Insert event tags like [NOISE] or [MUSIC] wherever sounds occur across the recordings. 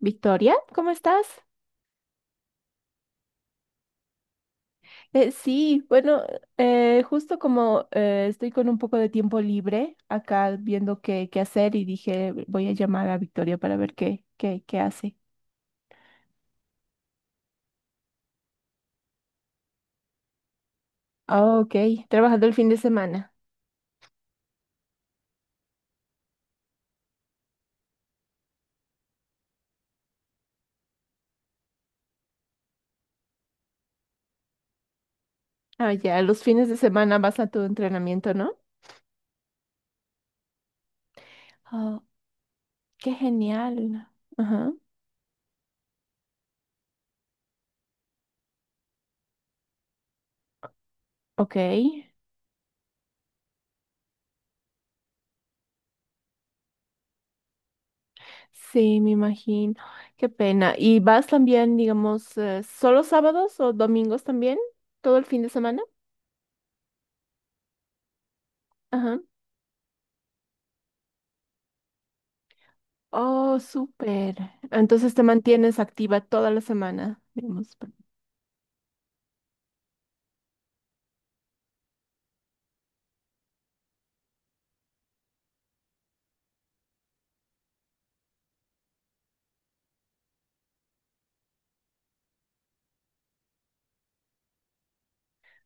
Victoria, ¿cómo estás? Sí, bueno, justo como estoy con un poco de tiempo libre acá viendo qué hacer y dije, voy a llamar a Victoria para ver qué hace. Ah, ok, trabajando el fin de semana. Ah, ya, los fines de semana vas a tu entrenamiento, ¿no? Oh, qué genial. Ajá, ok. Sí, me imagino. Qué pena. ¿Y vas también, digamos, solo sábados o domingos también? ¿Todo el fin de semana? Ajá. Oh, súper. Entonces te mantienes activa toda la semana, digamos.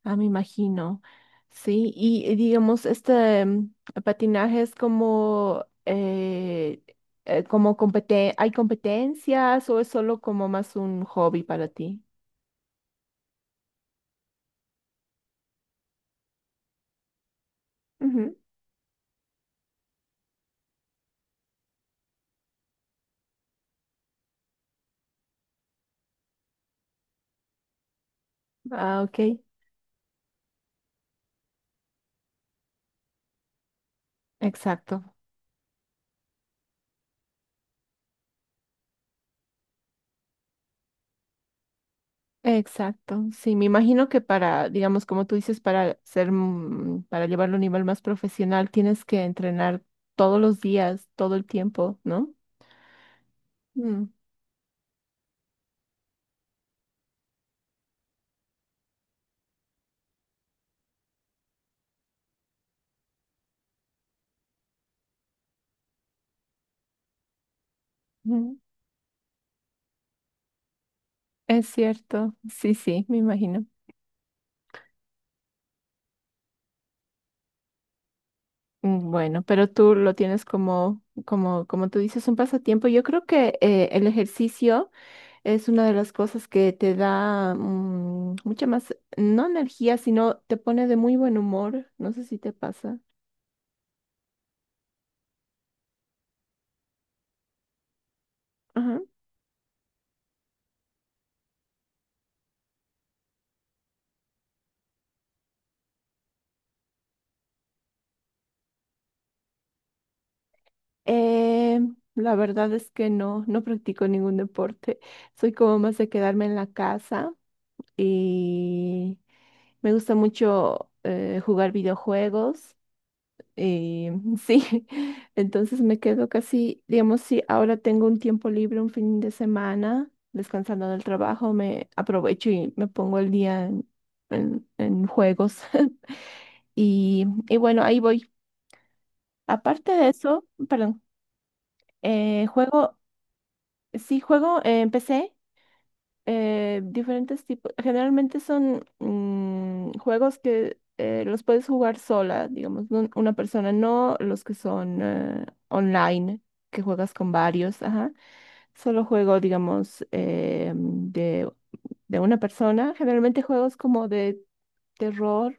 Ah, me imagino. Sí, y digamos, este patinaje es como ¿hay competencias o es solo como más un hobby para ti? Ujú. Ah, ok. Exacto. Exacto. Sí, me imagino que para, digamos, como tú dices, para ser, para llevarlo a un nivel más profesional, tienes que entrenar todos los días, todo el tiempo, ¿no? Mm, mm, Es cierto, sí, sí, me imagino. Mm. Bueno, pero tú lo tienes como tú dices, un pasatiempo. Yo creo que el ejercicio es una de las cosas que te da mucha más, no energía, sino te pone de muy buen humor. No sé si te pasa. Ajá. Eh, la verdad es que no practico ningún deporte. Soy como más de quedarme en la casa y me gusta mucho jugar videojuegos. Eh, [LAUGHS] sí, entonces me quedo casi, digamos, si ahora tengo un tiempo libre, un fin de semana, descansando del trabajo, me aprovecho y me pongo el día en en juegos. [LAUGHS] Y, y bueno, ahí voy. Aparte de eso, perdón, eh, juego, sí, juego en PC diferentes tipos. Generalmente son juegos que los puedes jugar sola, digamos, una persona, no los que son online, que juegas con varios, ajá. Solo juego, digamos, de una persona. Generalmente juegos como de terror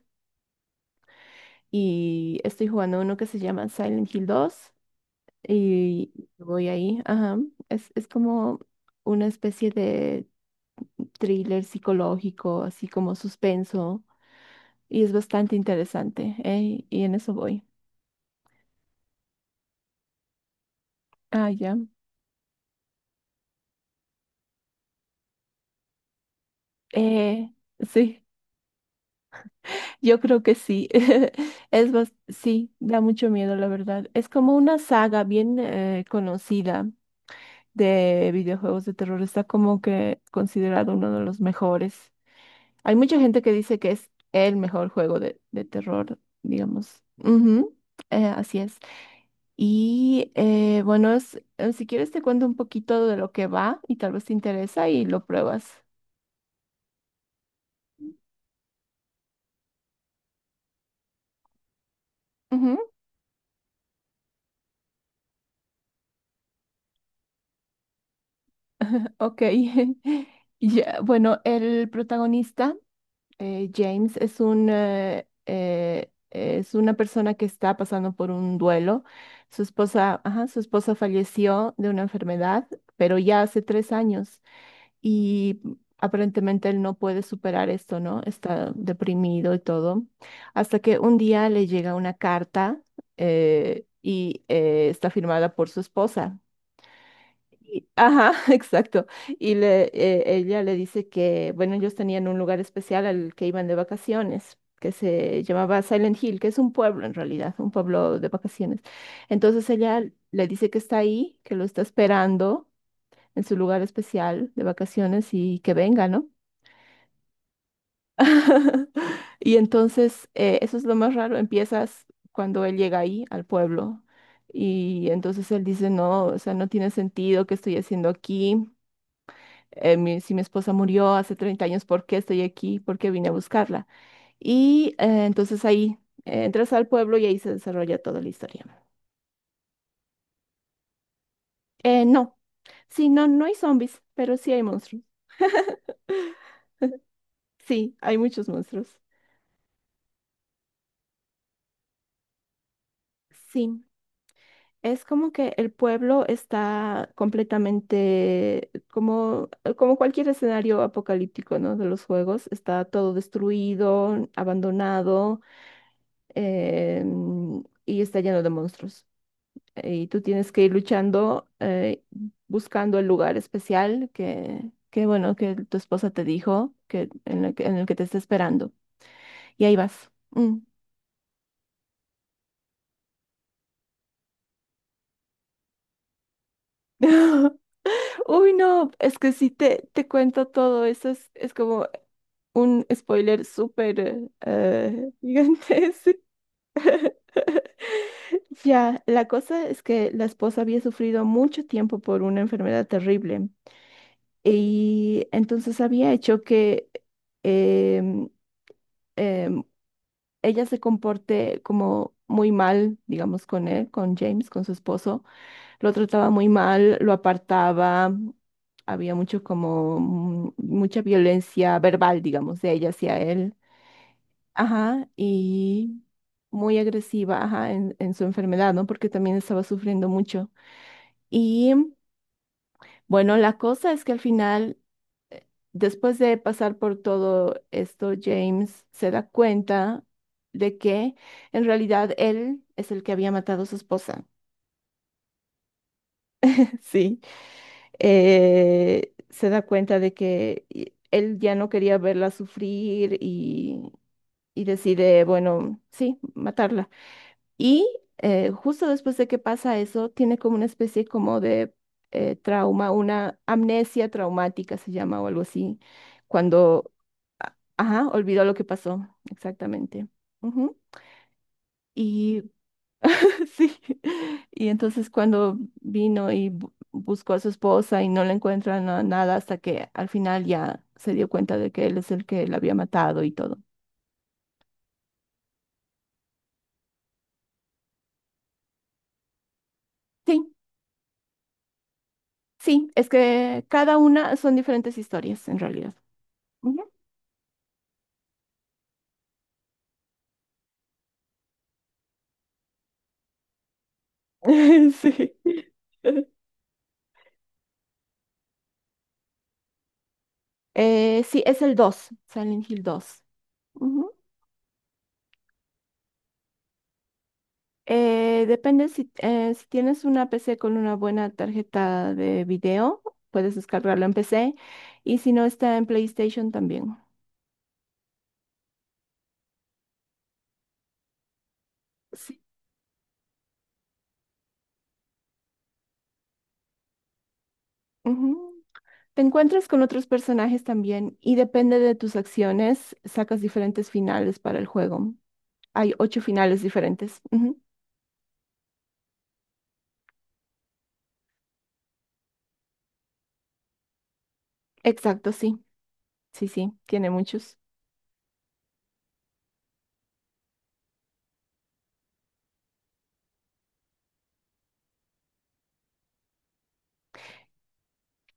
y estoy jugando uno que se llama Silent Hill 2 y voy ahí, ajá. Es como una especie de thriller psicológico, así como suspenso, y es bastante interesante, ¿eh? Y en eso voy. Ah, ya. Eh, sí, yo creo que sí. [LAUGHS] Sí, da mucho miedo, la verdad. Es como una saga bien conocida de videojuegos de terror. Está como que considerado uno de los mejores. Hay mucha gente que dice que es el mejor juego de terror, digamos. Ujú, así es. Bueno, si quieres te cuento un poquito de lo que va y tal vez te interesa y lo pruebas. Ujú, ok. [LAUGHS] Ya, bueno, el protagonista, James, es una persona que está pasando por un duelo. Su esposa, ajá, su esposa falleció de una enfermedad, pero ya hace 3 años. Y aparentemente él no puede superar esto, ¿no? Está deprimido y todo, hasta que un día le llega una carta está firmada por su esposa. Ajá, [LAUGHS] exacto. Y ella le dice que, bueno, ellos tenían un lugar especial al que iban de vacaciones, que se llamaba Silent Hill, que es un pueblo en realidad, un pueblo de vacaciones. Entonces ella le dice que está ahí, que lo está esperando en su lugar especial de vacaciones y que venga, ¿no? [LAUGHS] Y entonces, eso es lo más raro, empiezas cuando él llega ahí al pueblo y entonces él dice, no, o sea, no tiene sentido que estoy haciendo aquí. Si mi esposa murió hace 30 años, ¿por qué estoy aquí? ¿Por qué vine a buscarla? Entonces ahí entras al pueblo y ahí se desarrolla toda la historia. No, sí, no, no hay zombies, pero sí hay monstruos. Sí, hay muchos monstruos. Sí. Es como que el pueblo está completamente, como, como cualquier escenario apocalíptico, ¿no? De los juegos, está todo destruido, abandonado, em, y está lleno de monstruos. Y tú tienes que ir luchando, buscando el lugar especial que, bueno, que tu esposa te dijo que en el que te está esperando. Y ahí vas. Mm. [LAUGHS] Uy, no, es que si te cuento todo eso, es como un spoiler súper [LAUGHS] gigantesco. Ya, la cosa es que la esposa había sufrido mucho tiempo por una enfermedad terrible y entonces había hecho que em, em, ella se comporte como muy mal, digamos, con él, con James, con su esposo. Lo trataba muy mal, lo apartaba, había mucho como mucha violencia verbal, digamos, de ella hacia él. Ajá, y muy agresiva, ajá, en su enfermedad, ¿no? Porque también estaba sufriendo mucho. Y bueno, la cosa es que al final, después de pasar por todo esto, James se da cuenta de que en realidad él es el que había matado a su esposa. [LAUGHS] Sí, se da cuenta de que él ya no quería verla sufrir y decide, bueno, sí, matarla. Y justo después de que pasa eso, tiene como una especie como de trauma, una amnesia traumática se llama o algo así, cuando, ajá, olvidó lo que pasó, exactamente. Ujú. Y [LAUGHS] sí, y entonces cuando vino y buscó a su esposa y no le encuentra nada hasta que al final ya se dio cuenta de que él es el que la había matado y todo. Sí, sí, es que cada una son diferentes historias en realidad. [LAUGHS] Sí. Sí, es el 2, Silent Hill 2. Ujú. Depende si tienes una PC con una buena tarjeta de video, puedes descargarlo en PC y si no está en PlayStation también. Sí. Ujú. Te encuentras con otros personajes también y depende de tus acciones, sacas diferentes finales para el juego. Hay 8 finales diferentes. Ujú. Exacto, sí. Sí, sí, tiene muchos.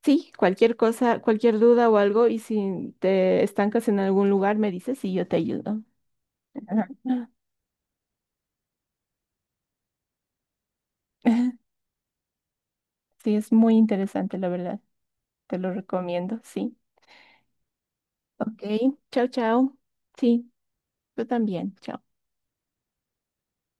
Sí, cualquier cosa, cualquier duda o algo, y si te estancas en algún lugar, me dices y yo te ayudo. Ajá. [LAUGHS] Sí, es muy interesante, la verdad. Te lo recomiendo, sí. Ok, chao, chao. Sí, yo también. Chao.